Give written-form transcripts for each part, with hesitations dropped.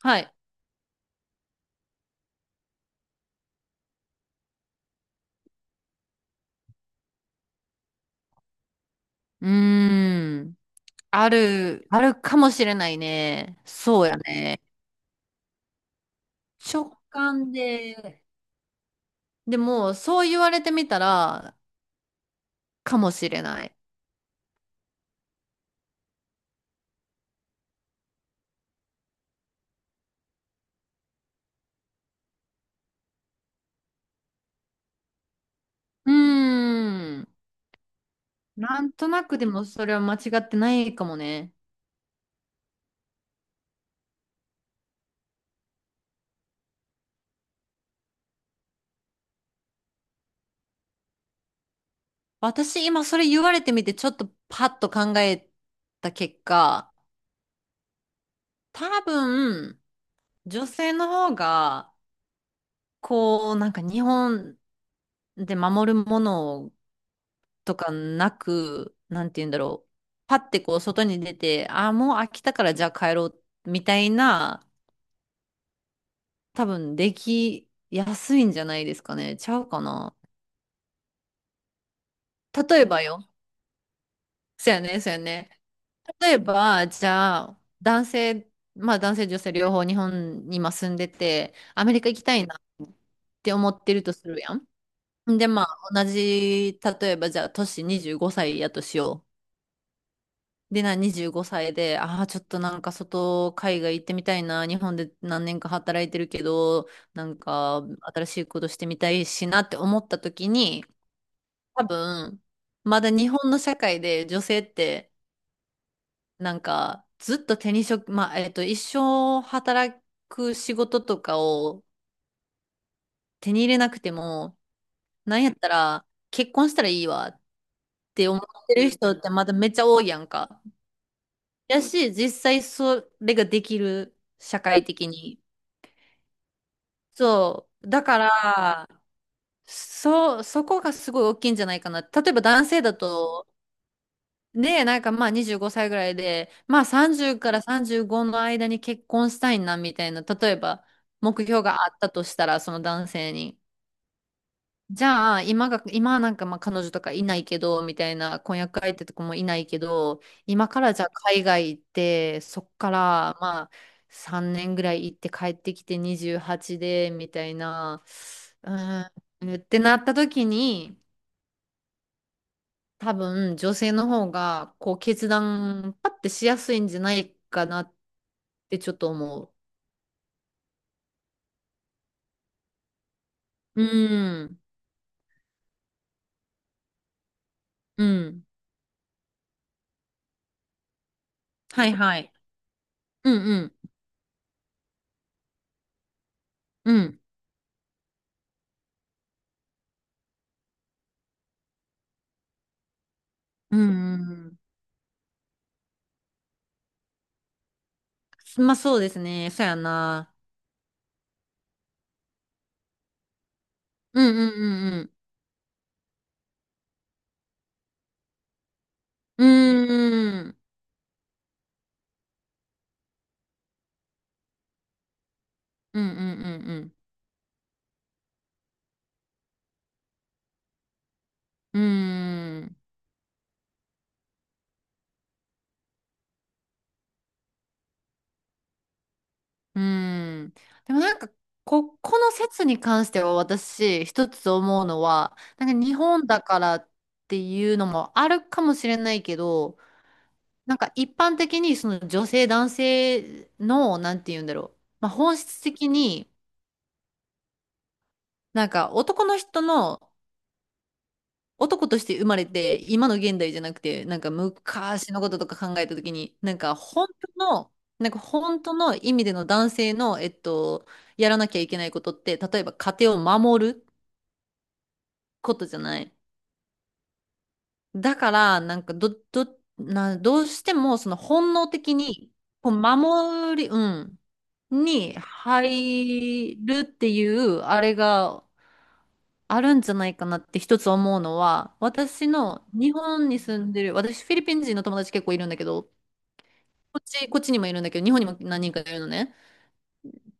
はい。うーん。あるかもしれないね。そうやね。直感で。でも、そう言われてみたら、かもしれない。うーん。なんとなくでもそれは間違ってないかもね。私、今それ言われてみて、ちょっとパッと考えた結果、多分、女性の方が、こう、なんか日本で守るものとかなく、なんて言うんだろう。パッてこう外に出て、ああ、もう飽きたからじゃあ帰ろうみたいな、多分できやすいんじゃないですかね。ちゃうかな。例えばよ。そうやね、そうやね。例えば、じゃあ、男性、まあ男性女性両方日本に今住んでて、アメリカ行きたいなって思ってるとするやん。で、まあ同じ、例えばじゃあ、年25歳やとしよう。で、25歳で、ああ、ちょっとなんか外、海外行ってみたいな、日本で何年か働いてるけど、なんか新しいことしてみたいしなって思った時に、多分、まだ日本の社会で女性って、なんかずっと手に職、まあ、えっと、一生働く仕事とかを手に入れなくても、なんやったら結婚したらいいわって思ってる人ってまだめっちゃ多いやんか。やし、実際それができる、社会的に。そう。だから、そう、そこがすごい大きいんじゃないかな。例えば男性だと、ね、なんかまあ25歳ぐらいで、まあ30から35の間に結婚したいなみたいな、例えば目標があったとしたら、その男性に。じゃあ、今が、今はなんかまあ彼女とかいないけど、みたいな婚約相手とかもいないけど、今からじゃあ海外行って、そっからまあ3年ぐらい行って帰ってきて28で、みたいな、うーん、ってなった時に、多分女性の方がこう決断パッてしやすいんじゃないかなってちょっと思う。うん、うん。はいはい。うんうん。うん。うんうん。まあそうですね。そうやな。うんうんうんうん。うーん、うんうんうん。うんうーん、うんん。でもなんか、この説に関しては私、一つ思うのは、なんか日本だからっていうのもあるかもしれないけど、なんか一般的にその女性男性の、なんて言うんだろう。まあ本質的に、なんか男の人の男として生まれて、今の現代じゃなくて、なんか昔のこととか考えたときに、当の、なんか本当の意味での男性の、えっと、やらなきゃいけないことって、例えば家庭を守ることじゃない。だから、なんかどうしてもその本能的に、こう守り、うん、に入るっていう、あれが、あるんじゃないかなって一つ思うのは、私の日本に住んでる、私フィリピン人の友達結構いるんだけど、こっちにもいるんだけど、日本にも何人かいるのね。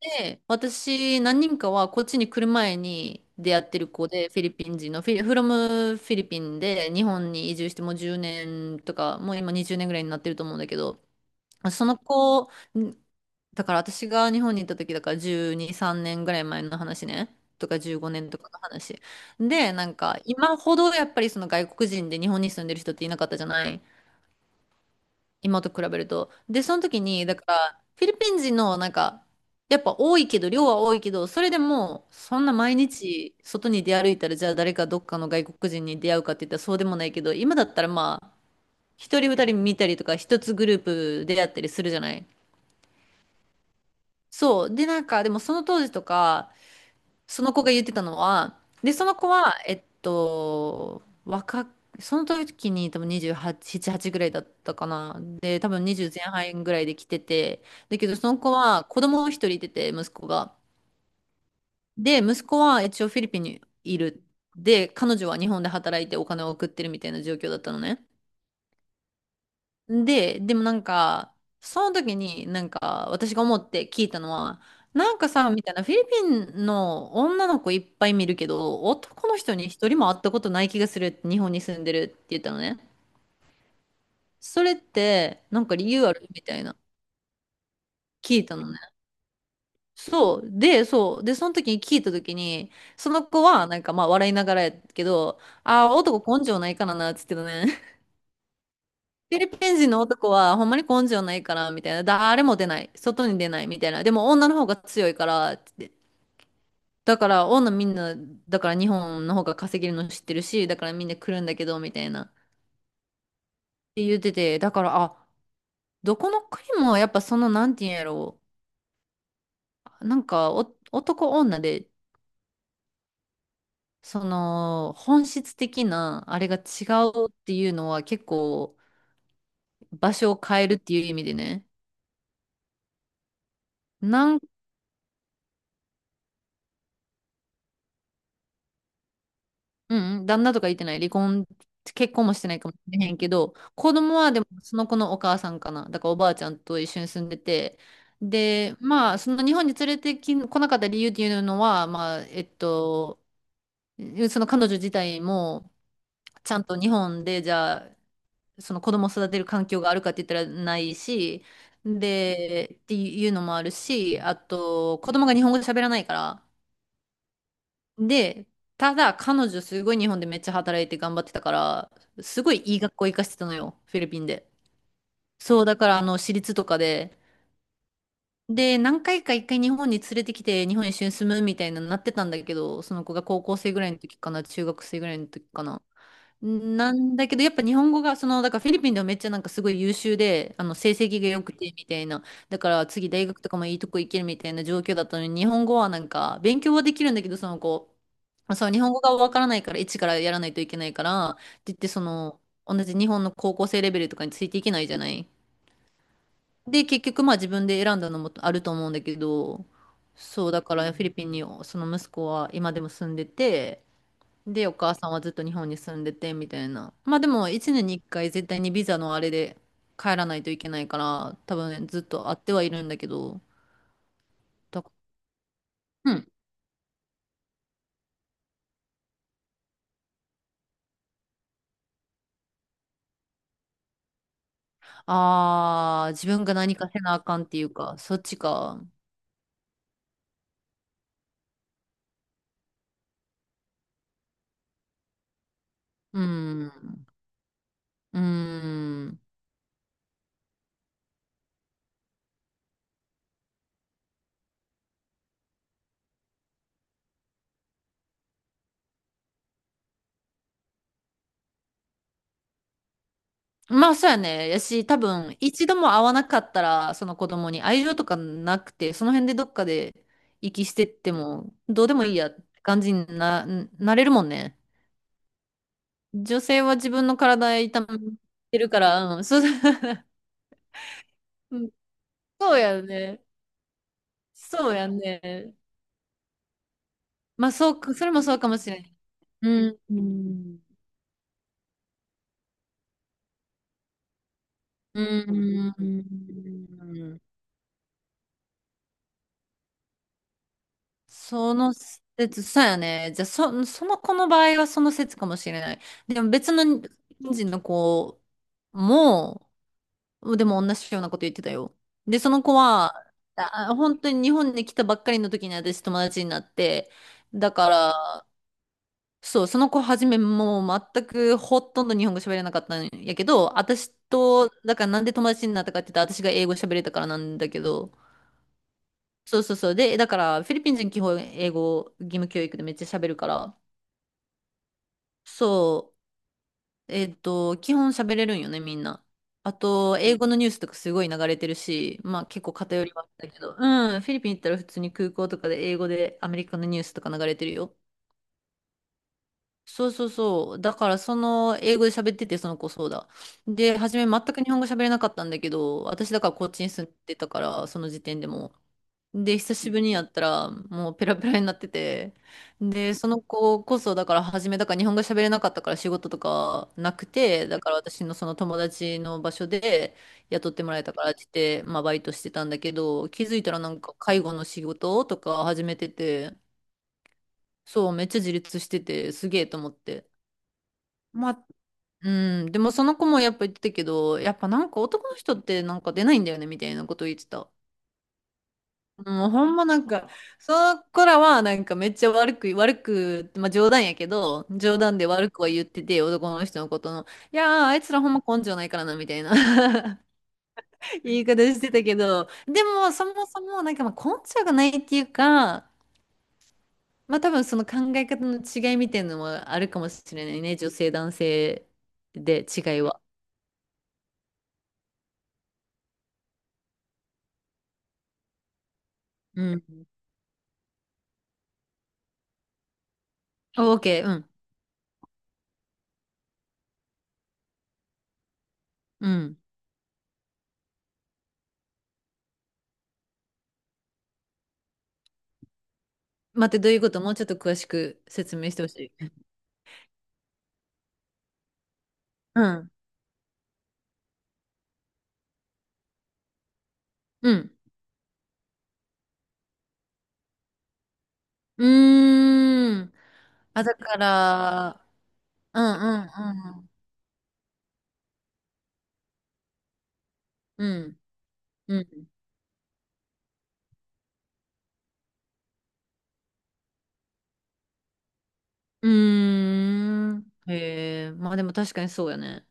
で、私何人かはこっちに来る前に出会ってる子で、フロムフィリピンで日本に移住してもう10年とか、もう今20年ぐらいになってると思うんだけど、その子だから私が日本に行った時だから12、3年ぐらい前の話ね。とか15年とかの話。で、なんか今ほどやっぱりその外国人で日本に住んでる人っていなかったじゃない。今と比べると。で、その時に、だからフィリピン人のなんか、やっぱ多いけど、量は多いけど、それでもそんな毎日外に出歩いたらじゃあ誰かどっかの外国人に出会うかって言ったらそうでもないけど、今だったらまあ、一人二人見たりとか一つグループ出会ったりするじゃない。そう。で、なんか、でもその当時とか、その子が言ってたのは、で、その子は、えっと、若く、その時に多分28、7、8ぐらいだったかな。で、多分20前半ぐらいで来てて、だけどその子は子供を一人いてて、息子が。で、息子は一応フィリピンにいる。で、彼女は日本で働いてお金を送ってるみたいな状況だったのね。で、でもなんか、その時になんか私が思って聞いたのは、なんかさ、みたいな、フィリピンの女の子いっぱい見るけど、男の人に一人も会ったことない気がするって日本に住んでるって言ったのね。それって、なんか理由あるみたいな、聞いたのね。そう。で、そう。で、その時に聞いた時に、その子はなんかまあ笑いながらやけど、ああ、男根性ないからな、っつってたね。フィリピン人の男はほんまに根性ないから、みたいな。誰も出ない。外に出ない、みたいな。でも女の方が強いから、ってだから女みんな、だから日本の方が稼げるの知ってるし、だからみんな来るんだけど、みたいな。って言ってて、だから、あ、どこの国もやっぱその、なんて言うんやろう。なんかお、男女で、その、本質的な、あれが違うっていうのは結構、場所を変えるっていう意味でね。なんうんうん、旦那とか言ってない。離婚、結婚もしてないかもしれへんけど、子供はでもその子のお母さんかな。だからおばあちゃんと一緒に住んでて。で、まあ、その日本に連れてき、来なかった理由っていうのは、まあ、えっと、その彼女自体も、ちゃんと日本で、じゃあ、その子供を育てる環境があるかって言ったらないし、で、っていうのもあるし、あと、子供が日本語喋らないから、で、ただ彼女すごい日本でめっちゃ働いて頑張ってたから、すごいいい学校行かしてたのよ、フィリピンで。そう、だからあの、私立とかで。で、何回か一回日本に連れてきて、日本一緒に住むみたいなのなってたんだけど、その子が高校生ぐらいの時かな、中学生ぐらいの時かな。なんだけど、やっぱ日本語が、その、だからフィリピンではめっちゃなんかすごい優秀で、あの、成績が良くてみたいな、だから次大学とかもいいとこ行けるみたいな状況だったのに、日本語はなんか、勉強はできるんだけど、その子、そう、日本語がわからないから、一からやらないといけないから、って言って、その、同じ日本の高校生レベルとかについていけないじゃない。で、結局まあ自分で選んだのもあると思うんだけど、そう、だからフィリピンにその息子は今でも住んでて、で、お母さんはずっと日本に住んでて、みたいな。まあでも、1年に1回絶対にビザのあれで帰らないといけないから、多分ずっと会ってはいるんだけど、だうん。ああ、自分が何かせなあかんっていうか、そっちか。うん。うん。まあそうやね。やし、多分、一度も会わなかったら、その子供に愛情とかなくて、その辺でどっかで息してっても、どうでもいいやって感じにな、なれるもんね。女性は自分の体痛めてるから、うん、そう、うん、そうやね。そうやね。まあ、そうか、それもそうかもしれない。うん。うん。うん。その説、そうやね。じゃあ、その子の場合はその説かもしれない。でも別の日本人の子も、でも同じようなこと言ってたよ。で、その子は、あ、本当に日本に来たばっかりの時に私友達になって、だから、そう、その子はじめもう全くほとんど日本語喋れなかったんやけど、私と、だからなんで友達になったかって言ったら私が英語喋れたからなんだけど、そうそうそう。で、だからフィリピン人基本英語義務教育でめっちゃ喋るから、そう、基本喋れるんよね、みんな。あと、英語のニュースとかすごい流れてるし、まあ結構偏りはあったけど、うん、フィリピン行ったら普通に空港とかで英語でアメリカのニュースとか流れてるよ。そうそうそう。だから、その、英語で喋ってて、その子そうだ。で、初め全く日本語喋れなかったんだけど、私だからこっちに住んでたから、その時点でも。で、久しぶりにやったら、もうペラペラになってて。で、その子こそ、だから初め、だから日本語喋れなかったから仕事とかなくて、だから私のその友達の場所で雇ってもらえたからって言って、まあバイトしてたんだけど、気づいたらなんか介護の仕事とか始めてて、そう、めっちゃ自立してて、すげえと思って。うん、でもその子もやっぱ言ってたけど、やっぱなんか男の人ってなんか出ないんだよねみたいなことを言ってた。もうん、ほんまなんか、その子らはなんかめっちゃ悪く、まあ冗談やけど、冗談で悪くは言ってて、男の人のことの、いやー、あいつらほんま根性ないからな、みたいな 言い方してたけど、でもそもそもなんかまあ根性がないっていうか、まあ多分その考え方の違いみたいなのもあるかもしれないね、女性男性で違いは。うん。オーケー、うん。うん。待って、どういうこともうちょっと詳しく説明してほしい。うん。うん。うーん。あ、だから、うん、うん、うん。うん。うん。うーん。へえ。まあでも確かにそうやね。